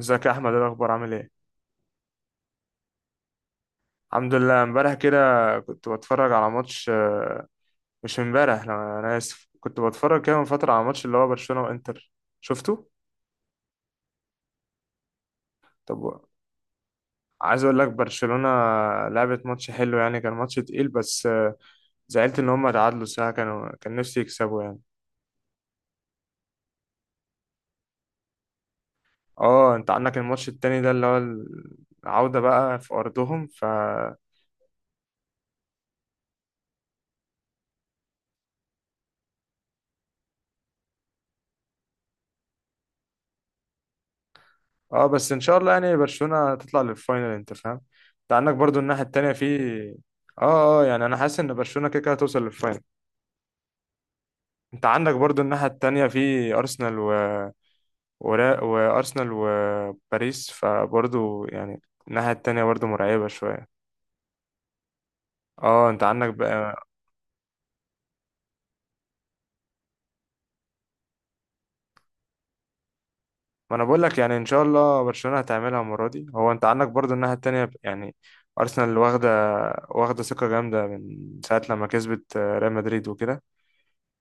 ازيك يا احمد، ايه الاخبار؟ عامل ايه؟ الحمد لله. امبارح كده كنت بتفرج على ماتش مش امبارح. لا، انا اسف، كنت بتفرج كده من فتره على ماتش اللي هو برشلونه وانتر. شفته؟ طب، عايز اقول لك، برشلونه لعبت ماتش حلو، يعني كان ماتش تقيل، بس زعلت ان هم تعادلوا ساعه كان نفسي يكسبوا يعني. اه، انت عندك الماتش التاني ده اللي هو العوده بقى في ارضهم. اه، بس ان شاء الله يعني برشلونة تطلع للفاينل، انت فاهم؟ انت عندك برضو الناحية التانية في اه يعني انا حاسس ان برشلونة كده كده هتوصل للفاينل. انت عندك برضو الناحية التانية في وارسنال وباريس، فبرضو يعني الناحية التانية برضو مرعبة شوية. اه، انت عندك بقى. ما انا بقول لك يعني ان شاء الله برشلونة هتعملها المرة دي. هو انت عندك برضو الناحية التانية، يعني ارسنال واخدة ثقة جامدة من ساعة لما كسبت ريال مدريد وكده.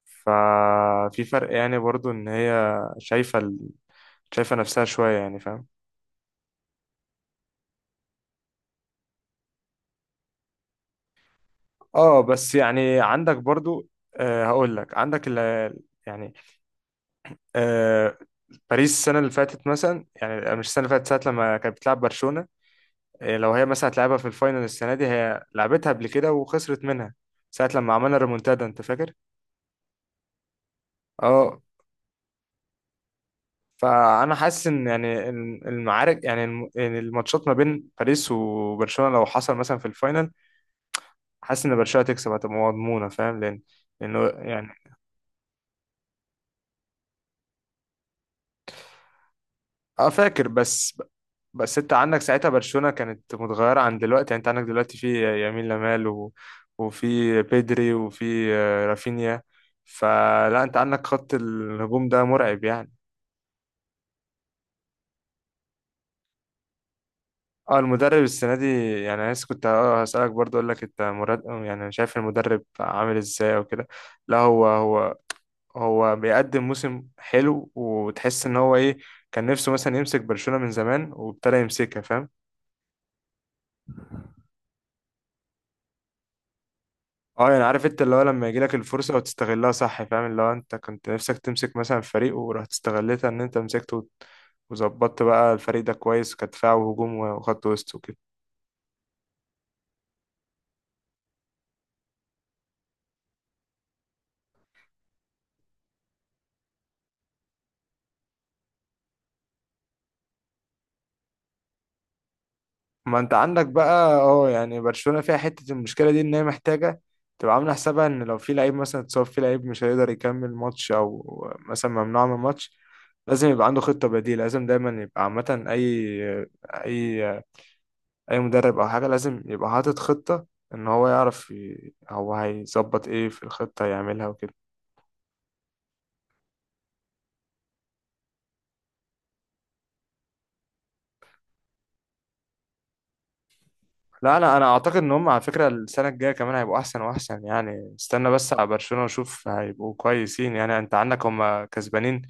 ففي فرق، يعني برضو ان هي شايفة شايفة نفسها شوية، يعني فاهم؟ اه، بس يعني عندك برضو، هقول لك عندك ال... يعني آه باريس السنة اللي فاتت، مثلا، يعني مش السنة اللي فاتت، ساعة لما كانت بتلعب برشلونة. لو هي مثلا هتلعبها في الفاينل السنة دي، هي لعبتها قبل كده وخسرت منها ساعة لما عملنا ريمونتادا، انت فاكر؟ اه. فانا حاسس ان يعني المعارك، يعني يعني الماتشات ما بين باريس وبرشلونة، لو حصل مثلا في الفاينل، حاسس ان برشلونه تكسب هتبقى مضمونه، فاهم؟ لانه يعني. اه، فاكر. بس بس انت عندك ساعتها برشلونه كانت متغيره عن دلوقتي، يعني انت عندك دلوقتي في يمين لامال وفي بيدري وفي رافينيا، فلا، انت عندك خط الهجوم ده مرعب يعني. اه، المدرب السنه دي، يعني انا لسه كنت هسالك برضه، اقول لك انت مراد، يعني شايف المدرب عامل ازاي او كده؟ لا، هو بيقدم موسم حلو، وتحس ان هو ايه، كان نفسه مثلا يمسك برشلونة من زمان وابتدى يمسكها، فاهم؟ اه، يعني عارف انت اللي هو لما يجي لك الفرصة وتستغلها، صح فاهم؟ اللي هو انت كنت نفسك تمسك مثلا فريق، ورحت استغلتها ان انت مسكته وظبطت بقى الفريق ده كويس، كدفاع وهجوم وخط وسط وكده. ما انت عندك بقى، يعني برشلونة فيها حتة المشكلة دي، ان هي محتاجة تبقى عاملة حسابها ان لو في لعيب مثلا اتصاب، في لعيب مش هيقدر يكمل ماتش، او مثلا ممنوع من الماتش، لازم يبقى عنده خطة بديلة. لازم دايما يبقى عامة، اي اي مدرب او حاجة لازم يبقى حاطط خطة ان هو يعرف هو هيظبط ايه في الخطة يعملها وكده. لا، لا، انا اعتقد ان هم، على فكره، السنه الجايه كمان هيبقوا احسن واحسن. يعني استنى بس على برشلونه وشوف، هيبقوا كويسين يعني. انت عندك هم كسبانين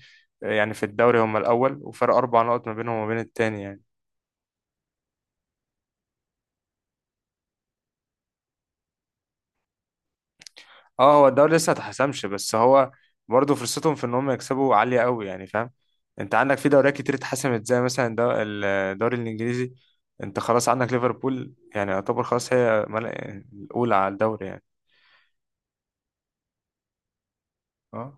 يعني في الدوري، هم الاول وفرق 4 نقط ما بينهم وما بين التاني يعني. اه، هو الدوري لسه ما اتحسمش، بس هو برضه فرصتهم في ان هم يكسبوا عاليه قوي، يعني فاهم؟ انت عندك في دوريات كتير اتحسمت، زي مثلا الدوري الانجليزي، انت خلاص عندك ليفربول يعني يعتبر خلاص، هي الاولى على الدوري يعني. اه،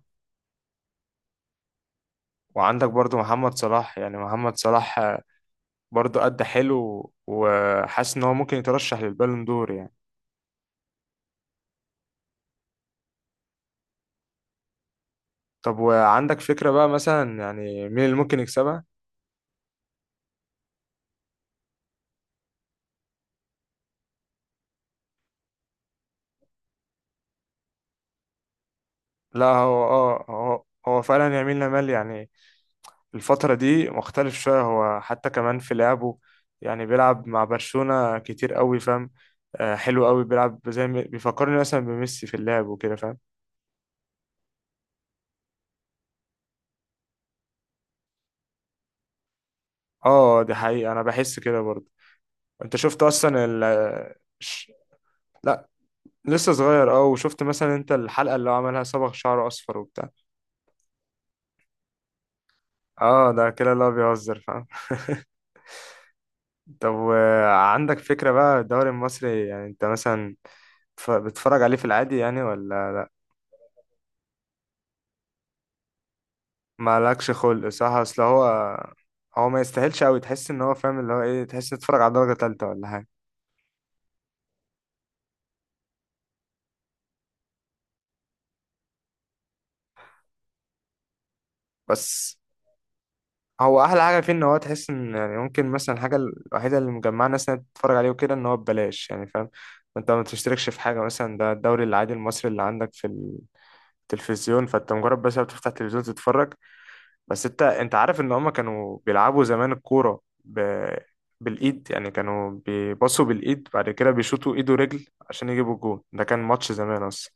وعندك برضو محمد صلاح، يعني محمد صلاح برضه أدى حلو، وحاسس إن هو ممكن يترشح للبالون دور يعني. طب، وعندك فكرة بقى مثلا، يعني، مين اللي ممكن يكسبها؟ لا هو اه هو هو فعلا يمين لامال، يعني الفترة دي مختلف شوية، هو حتى كمان في لعبه، يعني بيلعب مع برشلونة كتير قوي، فاهم؟ حلو قوي بيلعب، زي بيفكرني مثلا بميسي في اللعب وكده، فاهم؟ اه، دي حقيقة، أنا بحس كده برضه. أنت شفت أصلا ش- لا، لسه صغير، اه، وشفت مثلا انت الحلقة اللي هو عملها صبغ شعره اصفر وبتاع. اه، ده كده اللي هو بيهزر، فاهم؟ طب، وعندك فكرة بقى الدوري المصري؟ يعني انت مثلا بتتفرج عليه في العادي يعني، ولا مالكش خلق؟ صح، اصل هو ما يستاهلش قوي، تحس ان هو، فاهم اللي هو ايه، تحس إن تتفرج على درجة تالتة ولا حاجة. بس هو احلى حاجة فيه ان هو تحس ان، يعني ممكن مثلا الحاجة الوحيدة اللي مجمعة ناس انها تتفرج عليه وكده، ان هو ببلاش، يعني فاهم؟ انت ما تشتركش في حاجة مثلا، ده الدوري العادي المصري اللي عندك في التلفزيون، فانت مجرد بس بتفتح التلفزيون تتفرج. بس انت عارف ان هما كانوا بيلعبوا زمان الكورة بالايد، يعني كانوا بيباصوا بالايد، بعد كده بيشوطوا ايد ورجل عشان يجيبوا الجون، ده كان ماتش زمان اصلا.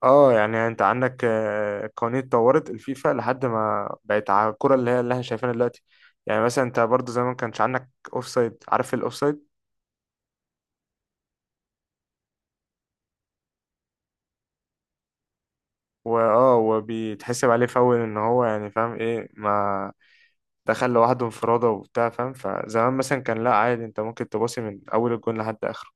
اه، يعني انت عندك القوانين اتطورت، الفيفا لحد ما بقت على الكرة اللي هي اللي احنا شايفينها دلوقتي. يعني مثلا انت برضو زمان كانش عندك اوفسايد، عارف الاوفسايد وبيتحسب عليه فاول، ان هو، يعني فاهم ايه، ما دخل لوحده انفرادة وبتاع، فاهم؟ فزمان مثلا كان لا، عادي، انت ممكن تباصي من اول الجون لحد اخره.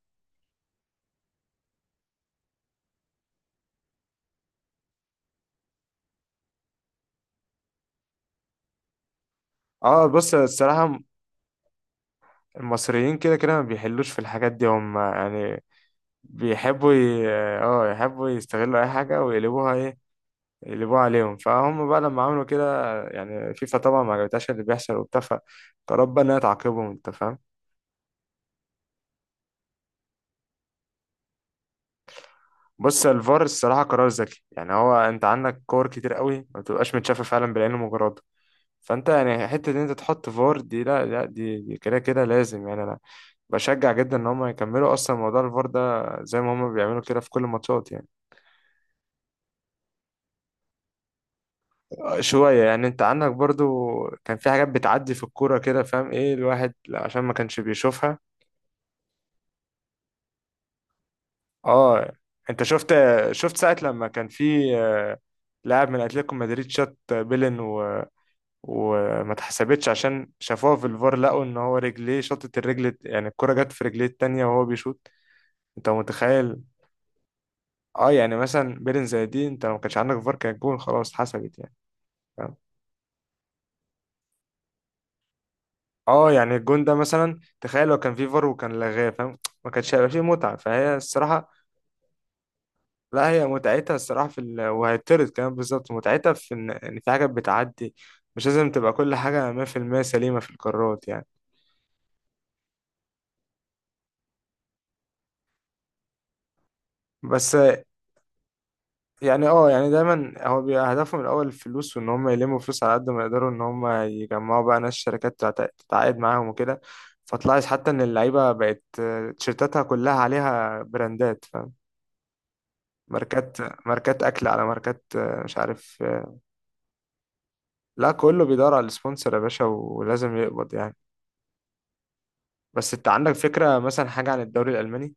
اه، بص الصراحة، المصريين كده كده ما بيحلوش في الحاجات دي هم، يعني بيحبوا ي... اه يحبوا يستغلوا أي حاجة ويقلبوها ايه، يقلبوها عليهم، فهم بقى لما عملوا كده، يعني فيفا طبعا ما عجبتهاش اللي بيحصل وبتاع، فقررت بقى إنها تعاقبهم، أنت فاهم؟ بص، الفار الصراحة قرار ذكي، يعني هو أنت عندك كور كتير قوي ما بتبقاش متشافة فعلا بالعين المجرد، فانت يعني حته ان انت تحط فار دي، لا، لا، دي كده كده لازم، يعني انا بشجع جدا ان هم يكملوا اصلا موضوع الفار ده زي ما هم بيعملوا كده في كل الماتشات يعني. شويه يعني، انت عندك برضو كان في حاجات بتعدي في الكوره كده، فاهم ايه الواحد، لا، عشان ما كانش بيشوفها. اه، انت شفت، ساعه لما كان في لاعب من اتلتيكو مدريد شاط بيلن وما اتحسبتش عشان شافوها في الفار، لقوا ان هو رجليه، شاطت الرجل يعني الكرة جت في رجليه التانية وهو بيشوط، انت متخيل؟ اه، يعني مثلا بيرن زي دي، انت لو ما كانش عندك فار، كان الجون خلاص اتحسبت يعني، فاهم؟ اه يعني الجون ده مثلا، تخيل لو كان في فار وكان لغاه، فاهم؟ ما كانش هيبقى فيه متعة، فهي الصراحة. لا، هي متعتها الصراحة في وهيتطرد كمان بالظبط، متعتها في ان إن في حاجات بتعدي، مش لازم تبقى كل حاجة 100% سليمة في القرارات يعني. بس، يعني يعني دايما هو بيبقى هدفهم الاول الفلوس، وان هم يلموا فلوس على قد ما يقدروا، ان هم يجمعوا بقى ناس، شركات تتعاقد معاهم وكده. فتلاحظ حتى ان اللعيبه بقت تيشيرتاتها كلها عليها براندات، فاهم؟ ماركات، ماركات اكل على ماركات، مش عارف. لا، كله بيدور على السبونسر يا باشا، ولازم يقبض يعني. بس انت عندك فكره مثلا حاجه عن الدوري الالماني؟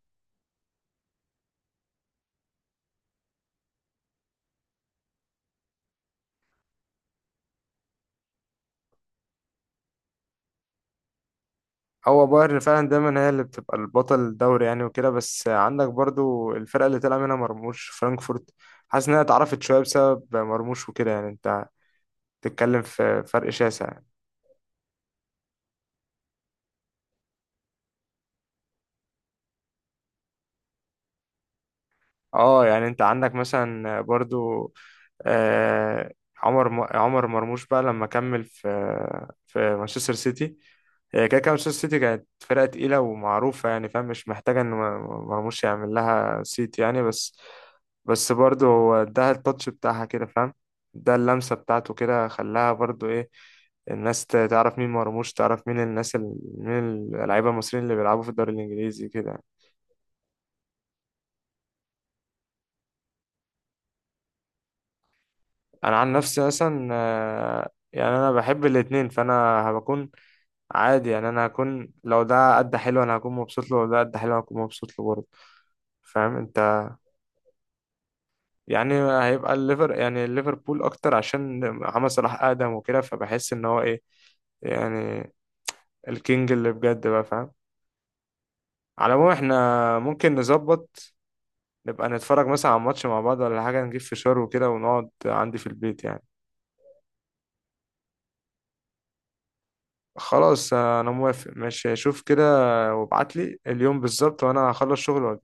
هو بايرن فعلا دايما هي اللي بتبقى البطل الدوري يعني وكده، بس عندك برضو الفرقة اللي طلع منها مرموش، فرانكفورت، حاسس انها اتعرفت شوية بسبب مرموش وكده، يعني انت بتتكلم في فرق شاسع. اه، يعني انت عندك مثلا برضو آه، عمر مرموش بقى لما كمل في مانشستر سيتي. هي كده كده مانشستر سيتي كانت فرقة تقيلة ومعروفة، يعني فاهم، مش محتاجة إن مرموش يعمل لها سيت يعني. بس برضه هو اداها التاتش بتاعها كده، فاهم؟ ده اللمسة بتاعته كده خلاها برضه إيه، الناس تعرف مين مرموش، تعرف مين الناس مين اللعيبة المصريين اللي بيلعبوا في الدوري الإنجليزي كده يعني. انا عن نفسي مثلا، يعني انا بحب الاتنين، فانا هبكون عادي، يعني انا هكون، لو ده قد حلو انا هكون مبسوط له، ولو ده قد حلو انا هكون مبسوط له برضه، فاهم انت؟ يعني هيبقى الليفر يعني ليفربول اكتر عشان محمد صلاح اقدم وكده، فبحس ان هو ايه، يعني الكينج اللي بجد بقى، فاهم؟ على العموم احنا ممكن نظبط نبقى نتفرج مثلا على ماتش مع بعض ولا حاجة، نجيب فشار وكده ونقعد عندي في البيت يعني. خلاص، انا موافق، ماشي، شوف كده وابعت لي اليوم بالظبط وانا هخلص شغل.